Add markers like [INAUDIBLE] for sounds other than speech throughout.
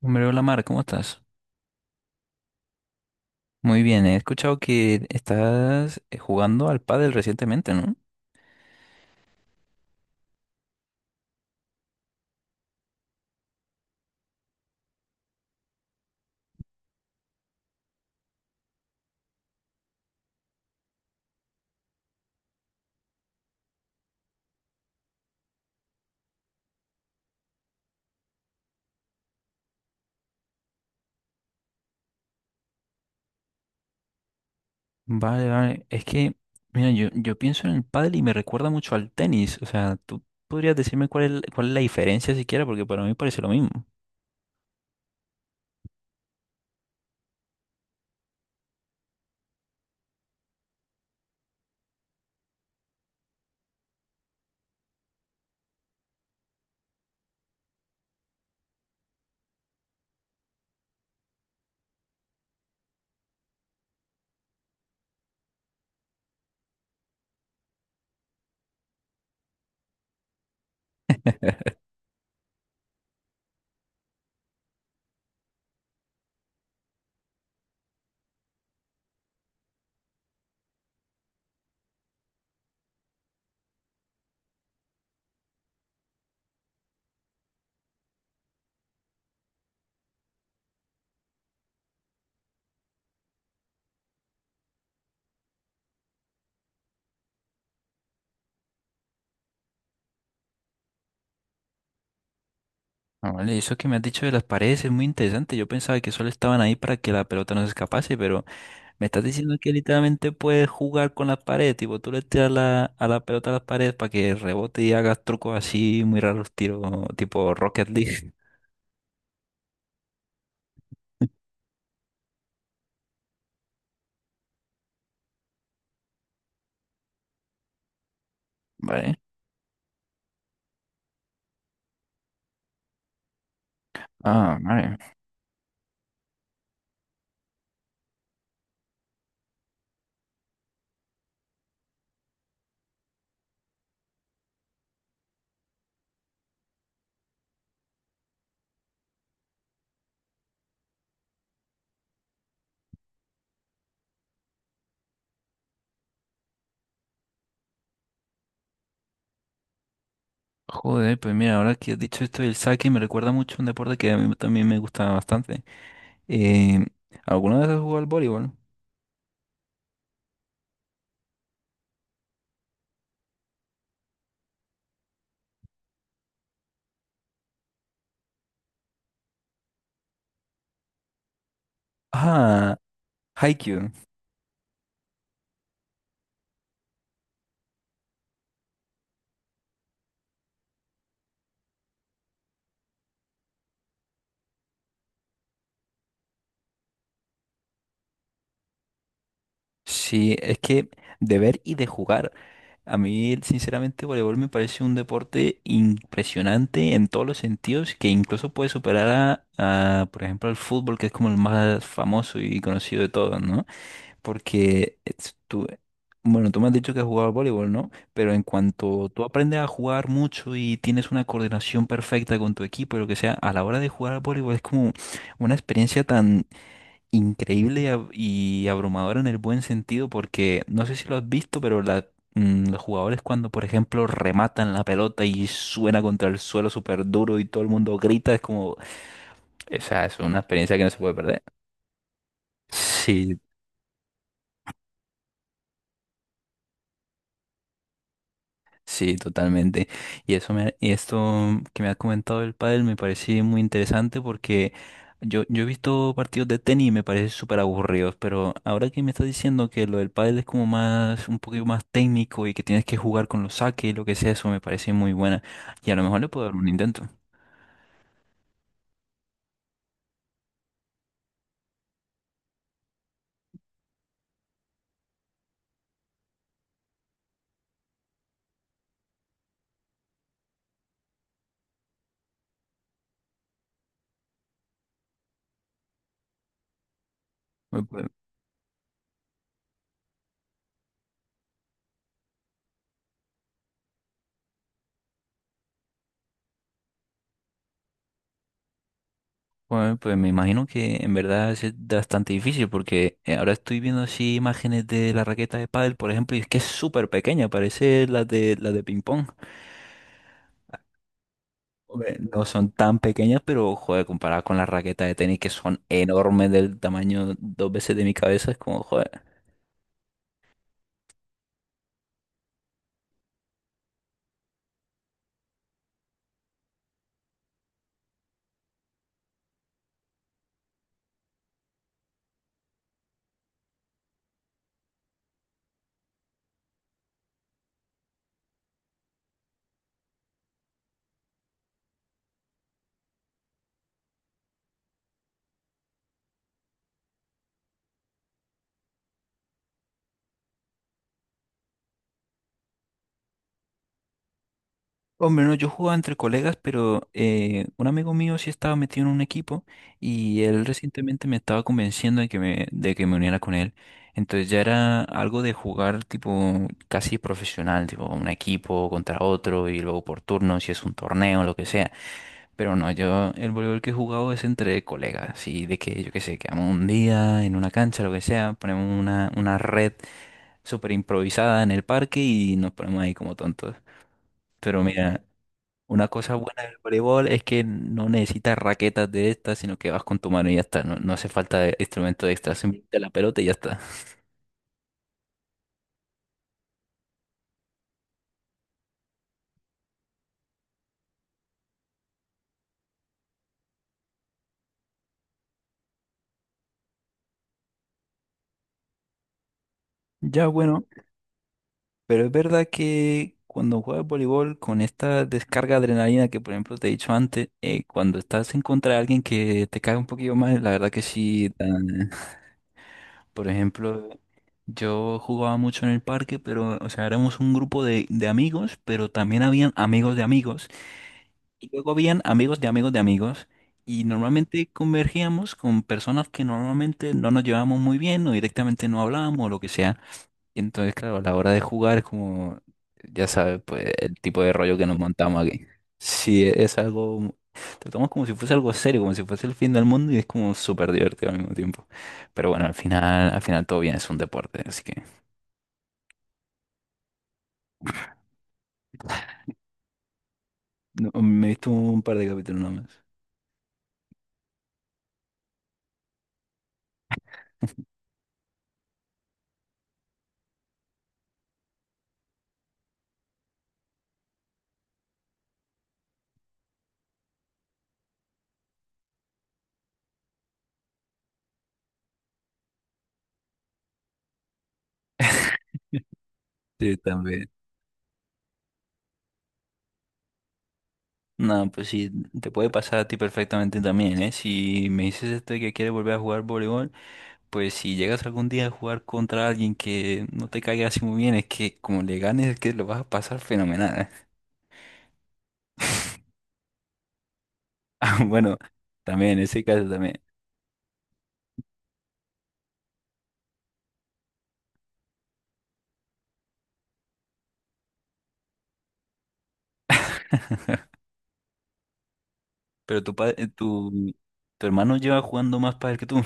Hombre, hola Mar, ¿cómo estás? Muy bien, he escuchado que estás jugando al pádel recientemente, ¿no? Vale, vale. Es que, mira, yo pienso en el pádel y me recuerda mucho al tenis. O sea, ¿tú podrías decirme cuál es la diferencia siquiera? Porque para mí parece lo mismo. Ah, vale, eso que me has dicho de las paredes es muy interesante. Yo pensaba que solo estaban ahí para que la pelota no se escapase, pero me estás diciendo que literalmente puedes jugar con las paredes, tipo, tú le tiras a la pelota a las paredes para que rebote y hagas trucos así muy raros, tiros tipo Rocket League. [LAUGHS] Vale. Ah, vale. Joder, pues mira, ahora que has dicho esto del saque, me recuerda mucho a un deporte que a mí también me gusta bastante. Eh, ¿Alguna vez has jugado al voleibol? Ah, Haikyuu. Sí, es que de ver y de jugar. A mí, sinceramente, voleibol me parece un deporte impresionante en todos los sentidos, que incluso puede superar a, por ejemplo, al fútbol, que es como el más famoso y conocido de todos, ¿no? Porque bueno, tú me has dicho que has jugado al voleibol, ¿no? Pero en cuanto tú aprendes a jugar mucho y tienes una coordinación perfecta con tu equipo y lo que sea, a la hora de jugar al voleibol es como una experiencia tan increíble y abrumadora en el buen sentido porque no sé si lo has visto, pero los jugadores cuando, por ejemplo, rematan la pelota y suena contra el suelo súper duro y todo el mundo grita, es como, esa es una experiencia que no se puede perder. Sí, sí, totalmente. Y esto que me ha comentado el pádel me parece muy interesante porque yo he visto partidos de tenis y me parecen súper aburridos, pero ahora que me estás diciendo que lo del pádel es como más, un poquito más técnico y que tienes que jugar con los saques y lo que sea, eso me parece muy buena. Y a lo mejor le puedo dar un intento. Bueno, pues me imagino que en verdad es bastante difícil porque ahora estoy viendo así imágenes de la raqueta de pádel, por ejemplo, y es que es súper pequeña, parece la de ping pong. Hombre, no son tan pequeñas, pero joder, comparada con las raquetas de tenis que son enormes del tamaño dos veces de mi cabeza, es como joder. Hombre, no, yo jugaba entre colegas, pero un amigo mío sí estaba metido en un equipo y él recientemente me estaba convenciendo de que me uniera con él. Entonces ya era algo de jugar tipo casi profesional, tipo un equipo contra otro y luego por turno, si es un torneo, lo que sea. Pero no, yo el voleibol que he jugado es entre colegas, y de que yo qué sé, quedamos un día en una cancha, lo que sea, ponemos una red súper improvisada en el parque y nos ponemos ahí como tontos. Pero mira, una cosa buena del voleibol es que no necesitas raquetas de estas, sino que vas con tu mano y ya está. No, no hace falta instrumento extra, simplemente la pelota y ya está. Ya, bueno, pero es verdad que cuando juegas voleibol con esta descarga de adrenalina que, por ejemplo, te he dicho antes, cuando estás en contra de alguien que te cae un poquillo mal, la verdad que sí. Por ejemplo, yo jugaba mucho en el parque, pero, o sea, éramos un grupo de amigos, pero también habían amigos de amigos. Y luego habían amigos de amigos de amigos y normalmente convergíamos con personas que normalmente no nos llevábamos muy bien o directamente no hablábamos o lo que sea. Y entonces, claro, a la hora de jugar es como, ya sabes, pues el tipo de rollo que nos montamos aquí. Sí, es algo, tratamos como si fuese algo serio, como si fuese el fin del mundo y es como súper divertido al mismo tiempo. Pero bueno, al final todo bien, es un deporte, así que. No, me he visto un par de capítulos nomás. Sí, también. No, pues sí, te puede pasar a ti perfectamente también, ¿eh? Si me dices esto de que quieres volver a jugar voleibol, pues si llegas algún día a jugar contra alguien que no te caiga así muy bien, es que como le ganes, es que lo vas a pasar fenomenal, ¿eh? [LAUGHS] Bueno, también, en ese caso también. Pero tu hermano lleva jugando más pádel que tú.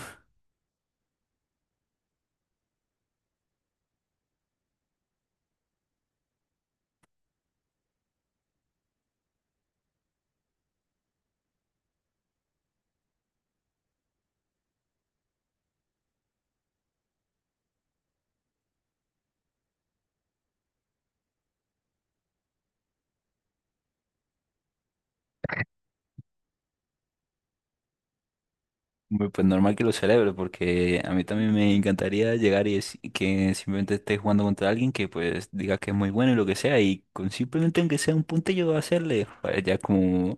Hombre, pues normal que lo celebre, porque a mí también me encantaría llegar y que simplemente esté jugando contra alguien que pues diga que es muy bueno y lo que sea, y con simplemente aunque sea un puntillo hacerle, pues ya es como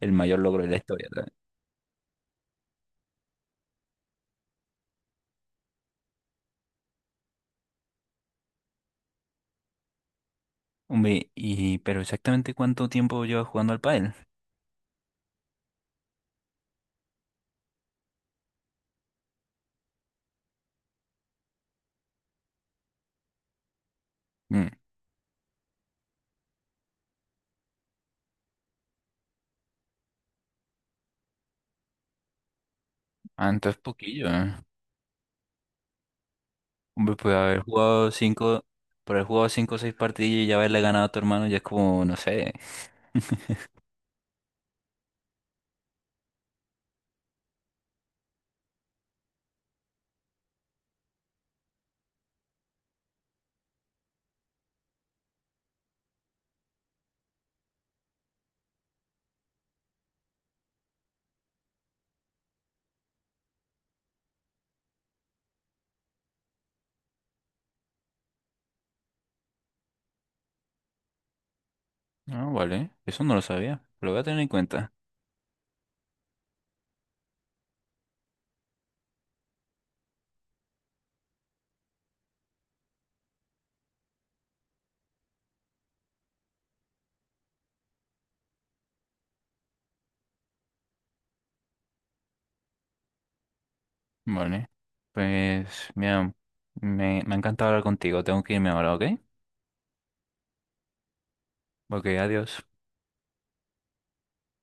el mayor logro de la historia, ¿sabes? Hombre, ¿y pero exactamente cuánto tiempo llevas jugando al pádel? Mm. Ah, entonces poquillo, ¿eh? Hombre, pues por haber jugado cinco o seis partidos y ya haberle ganado a tu hermano ya es como, no sé. Ah, vale, eso no lo sabía, lo voy a tener en cuenta. Vale. Pues, mira, me ha encantado hablar contigo. Tengo que irme ahora, ¿ok? Ok, adiós.